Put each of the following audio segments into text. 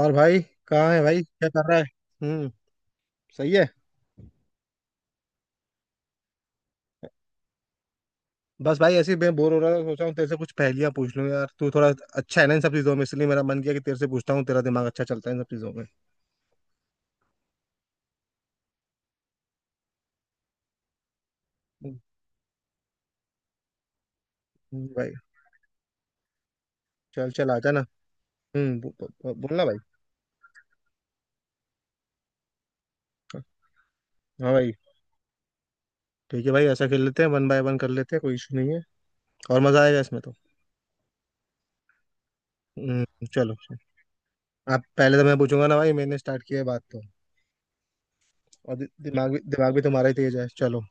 और भाई कहाँ है भाई? क्या कर रहा है? हम्म। सही है। बस भाई ऐसे ही मैं बोर हो रहा था, सोचा हूँ तेरे से कुछ पहेलियां पूछ लूँ यार। तू थोड़ा अच्छा है ना इन सब चीजों में, इसलिए मेरा मन किया कि तेरे से पूछता हूँ। तेरा दिमाग अच्छा चलता है इन सब चीजों में। हम्म, भाई चल चल आ जाना। बो, बो, बो- बोलना भाई। हाँ भाई। ठीक है भाई, ऐसा खेल लेते हैं, वन बाय वन कर लेते हैं, कोई इशू नहीं है। और मजा आएगा इसमें तो। हम्म, चलो आप पहले। तो मैं पूछूंगा ना भाई, मैंने स्टार्ट किया है बात तो। और दि, दिमाग भी तुम्हारा ही तेज है। चलो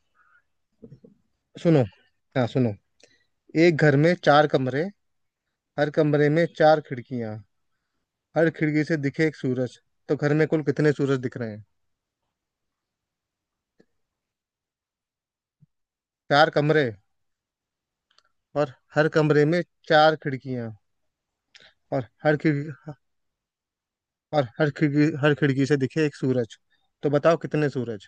सुनो। हाँ सुनो। एक घर में 4 कमरे। हर कमरे में 4 खिड़कियां। हर खिड़की से दिखे एक सूरज। तो घर में कुल कितने सूरज दिख रहे हैं? चार कमरे। और हर कमरे में 4 खिड़कियां। और हर खिड़की। और हर खिड़की, से दिखे एक सूरज। तो बताओ कितने सूरज?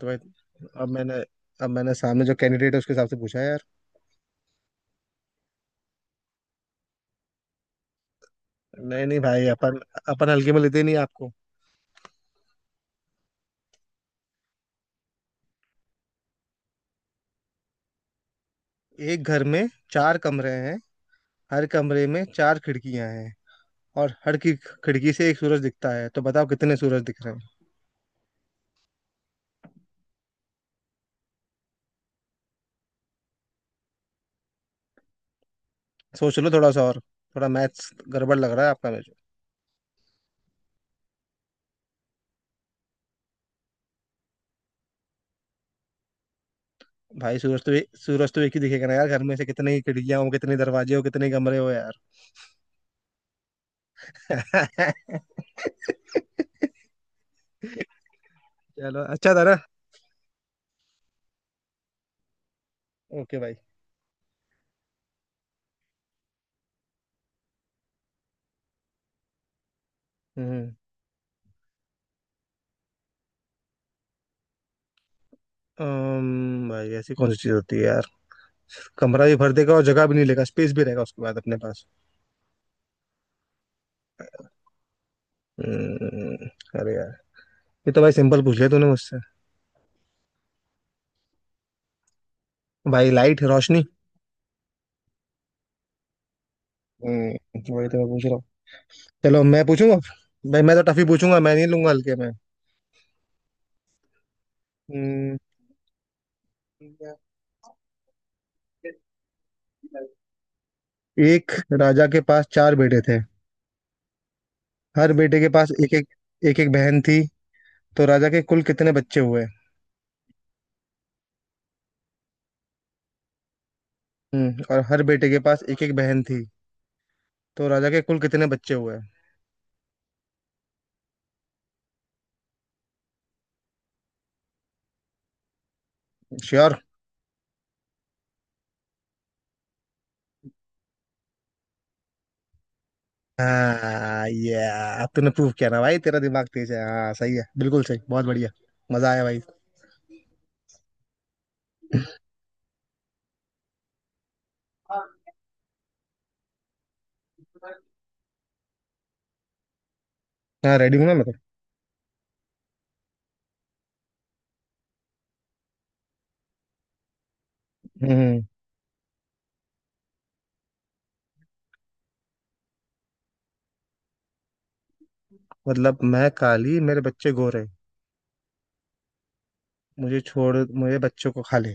तो भाई अब मैंने अब मैंने सामने जो कैंडिडेट है उसके हिसाब से पूछा है यार। नहीं नहीं भाई, अपन अपन हल्के में लेते नहीं आपको। एक घर में 4 कमरे हैं। हर कमरे में चार खिड़कियां हैं। और हर की खिड़की से एक सूरज दिखता है, तो बताओ कितने सूरज दिख रहे हैं? सोच लो थोड़ा सा और, थोड़ा मैथ्स गड़बड़ लग रहा है आपका मेरे को। भाई सूरज तो सूरज तो एक ही दिखेगा ना यार। घर में से कितनी ही खिड़कियां हो, कितने दरवाजे हो, कितने कमरे हो यार। चलो, अच्छा था ना। ओके भाई। हम्म। भाई ऐसी कौन सी चीज होती है यार, कमरा भी भर देगा और जगह भी नहीं लेगा, स्पेस भी रहेगा उसके बाद अपने पास। हम्म। अरे यार, ये तो भाई सिंपल पूछ लिया तूने मुझसे। भाई लाइट, रोशनी। हम्म, वही तो मैं पूछ रहा हूँ। चलो मैं पूछूंगा। भाई मैं तो टफी पूछूंगा, मैं नहीं लूंगा हल्के में। हम्म, एक राजा के पास 4 बेटे थे। हर बेटे के पास एक एक बहन थी। तो राजा के कुल कितने बच्चे हुए? हम्म, और हर बेटे के पास एक एक बहन थी। तो राजा के कुल कितने बच्चे हुए? श्योर। हाँ ये। अब तूने प्रूव किया ना भाई, तेरा दिमाग तेज है। हाँ सही है, बिल्कुल सही, बहुत बढ़िया। मजा आया भाई। हाँ रेडी हूँ ना मैं तो। हम्म, मतलब मैं काली, मेरे बच्चे गोरे, मुझे छोड़, मुझे बच्चों को खा ले।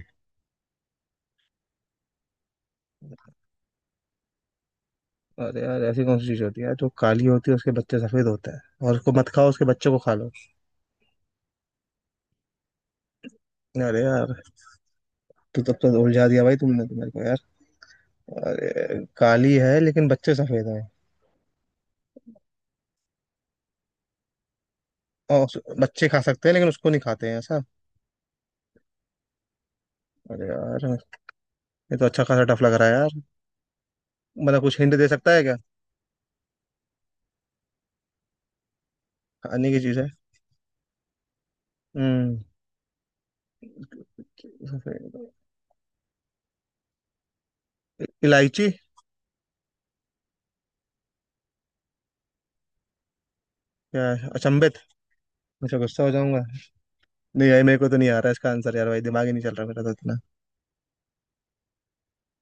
अरे यार, ऐसी कौन सी चीज होती है यार, जो काली होती है उसके बच्चे सफेद होते हैं, और उसको मत खाओ उसके बच्चे को खा लो। अरे यार, तू तब तो उलझा दिया भाई तुमने तो मेरे को यार। अरे काली है लेकिन बच्चे सफेद हैं, और बच्चे खा सकते हैं लेकिन उसको नहीं खाते हैं ऐसा। अरे यार, ये तो अच्छा खासा टफ लग रहा है यार। मतलब कुछ हिंट दे सकता है क्या? खाने की चीज है। हम्म। सफेद। इलायची। क्या है? अचंभित। मुझे गुस्सा हो जाऊंगा? नहीं भाई मेरे को तो नहीं आ रहा इसका आंसर यार। भाई दिमाग ही नहीं चल रहा मेरा तो इतना।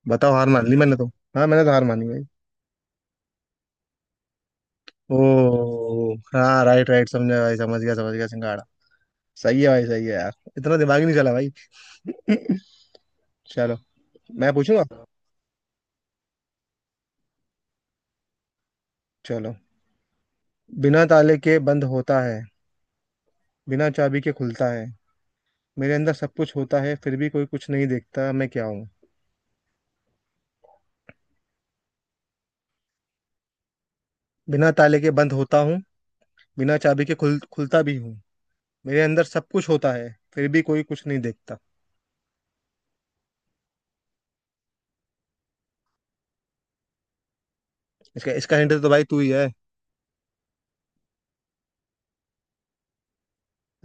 बताओ, हार मान ली मैंने तो। हाँ मैंने तो हार मानी भाई। ओ, हाँ राइट राइट, समझा भाई, समझ गया, समझ गया, सिंगाड़ा। सही है भाई, सही है यार। इतना दिमाग ही नहीं चला भाई। चलो मैं पूछूंगा। चलो, बिना ताले के बंद होता है, बिना चाबी के खुलता है, मेरे अंदर सब कुछ होता है, फिर भी कोई कुछ नहीं देखता। मैं क्या हूँ? बिना ताले के बंद होता हूँ, बिना चाबी के खुलता भी हूँ, मेरे अंदर सब कुछ होता है, फिर भी कोई कुछ नहीं देखता। इसका इसका हिंट तो भाई तू ही है।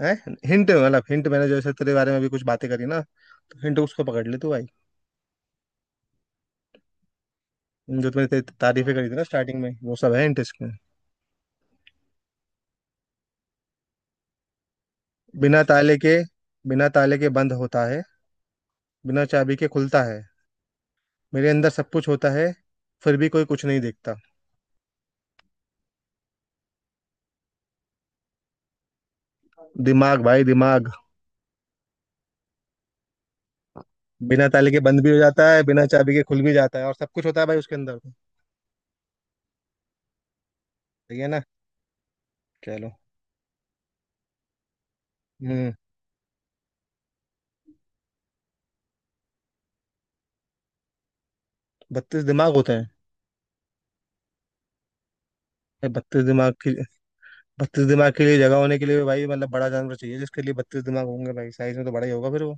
हैं? हिंट मतलब, हिंट मैंने जैसे तेरे बारे में भी कुछ बातें करी ना, तो हिंट उसको पकड़ ले तू भाई। जो तुमने तारीफें करी थी ना स्टार्टिंग में, वो सब है इंट इसमें। बिना ताले के बिना ताले के बंद होता है, बिना चाबी के खुलता है, मेरे अंदर सब कुछ होता है, फिर भी कोई कुछ नहीं देखता। दिमाग भाई, दिमाग। बिना ताले के बंद भी हो जाता है, बिना चाबी के खुल भी जाता है, और सब कुछ होता है भाई उसके अंदर। सही है ना। चलो। हम्म। 32 दिमाग होते हैं? बत्तीस दिमाग के बत्तीस दिमाग के लिए जगह होने के लिए भाई, मतलब बड़ा जानवर चाहिए जिसके लिए 32 दिमाग होंगे। भाई साइज में तो बड़ा ही होगा फिर वो।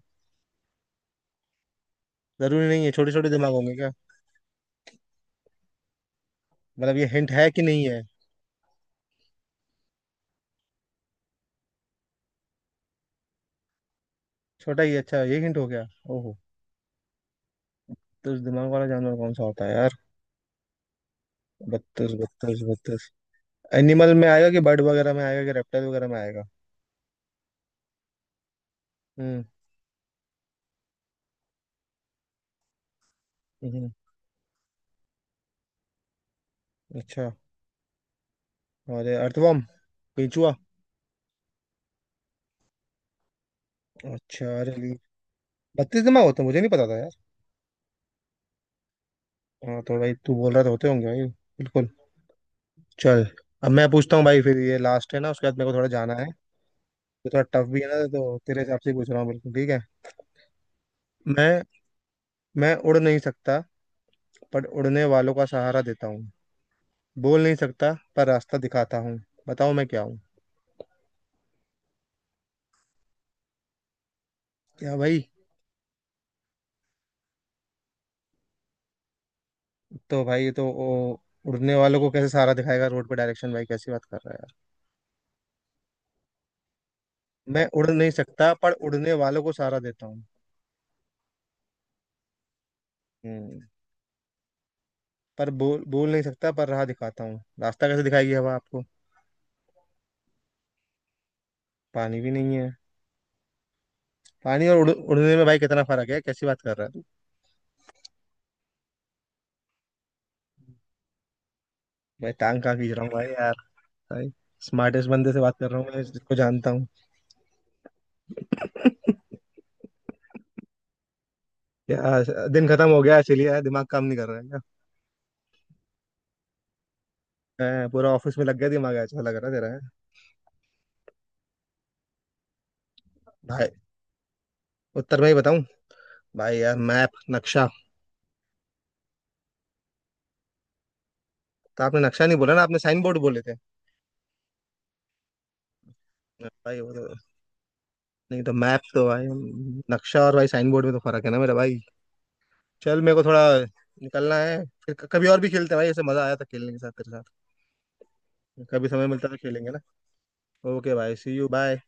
जरूरी नहीं है, छोटे छोटे दिमाग होंगे क्या? मतलब ये हिंट है कि नहीं है? छोटा ही, अच्छा ये हिंट हो गया। ओहो। 32 दिमाग वाला जानवर कौन सा होता है यार? बत्तीस बत्तीस 32। एनिमल में आएगा, कि बर्ड वगैरह में आएगा, कि रेप्टाइल वगैरह में आएगा? हम्म। हम्म, हम्म, अच्छा। अरे अर्थवर्म, केंचुआ। अच्छा, बत्तीस दिमाग होते हैं, मुझे नहीं पता था यार। हाँ तो भाई तू बोल रहा तो होते होंगे भाई बिल्कुल। चल अब मैं पूछता हूँ भाई, फिर ये लास्ट है ना, उसके बाद मेरे को थोड़ा जाना है। ये थोड़ा टफ भी है ना, तो तेरे हिसाब से ही पूछ रहा हूँ, बिल्कुल ठीक है। मैं मैं उड़ नहीं सकता, पर उड़ने वालों का सहारा देता हूँ। बोल नहीं सकता पर रास्ता दिखाता हूँ। बताओ मैं क्या हूँ? क्या भाई? तो भाई ये तो ओ, उड़ने वालों को कैसे सहारा दिखाएगा रोड पे डायरेक्शन? भाई कैसी बात कर रहा है यार? मैं उड़ नहीं सकता पर उड़ने वालों को सहारा देता हूँ। हम्म। पर बोल बोल नहीं सकता पर राह दिखाता हूँ। रास्ता कैसे दिखाएगी हवा आपको? पानी भी नहीं है। पानी और उड़ने में भाई कितना फर्क है, कैसी बात कर रहा है तू? भाई टांग कहाँ खींच रहा हूँ भाई यार। भाई स्मार्टेस्ट बंदे से बात कर रहा हूँ मैं जिसको जानता हूँ। क्या दिन खत्म हो गया है? चलिए यार, दिमाग काम नहीं कर रहा है क्या? हैं, पूरा ऑफिस में लग गया दिमाग, अच्छा लग रहा है तेरा। भाई उत्तर भाई बताऊं? भाई यार, मैप, नक्शा। तो आपने नक्शा नहीं बोला ना, आपने साइन बोर्ड बोले थे। भाई वो तो, नहीं तो मैप तो भाई। नक्शा और भाई साइन बोर्ड में तो फर्क है ना मेरा भाई। चल मेरे को थोड़ा निकलना है, फिर कभी और भी खेलते हैं भाई, ऐसे मजा आया था खेलने के साथ तेरे साथ। कभी समय मिलता है तो खेलेंगे ना। ओके भाई, सी यू, बाय।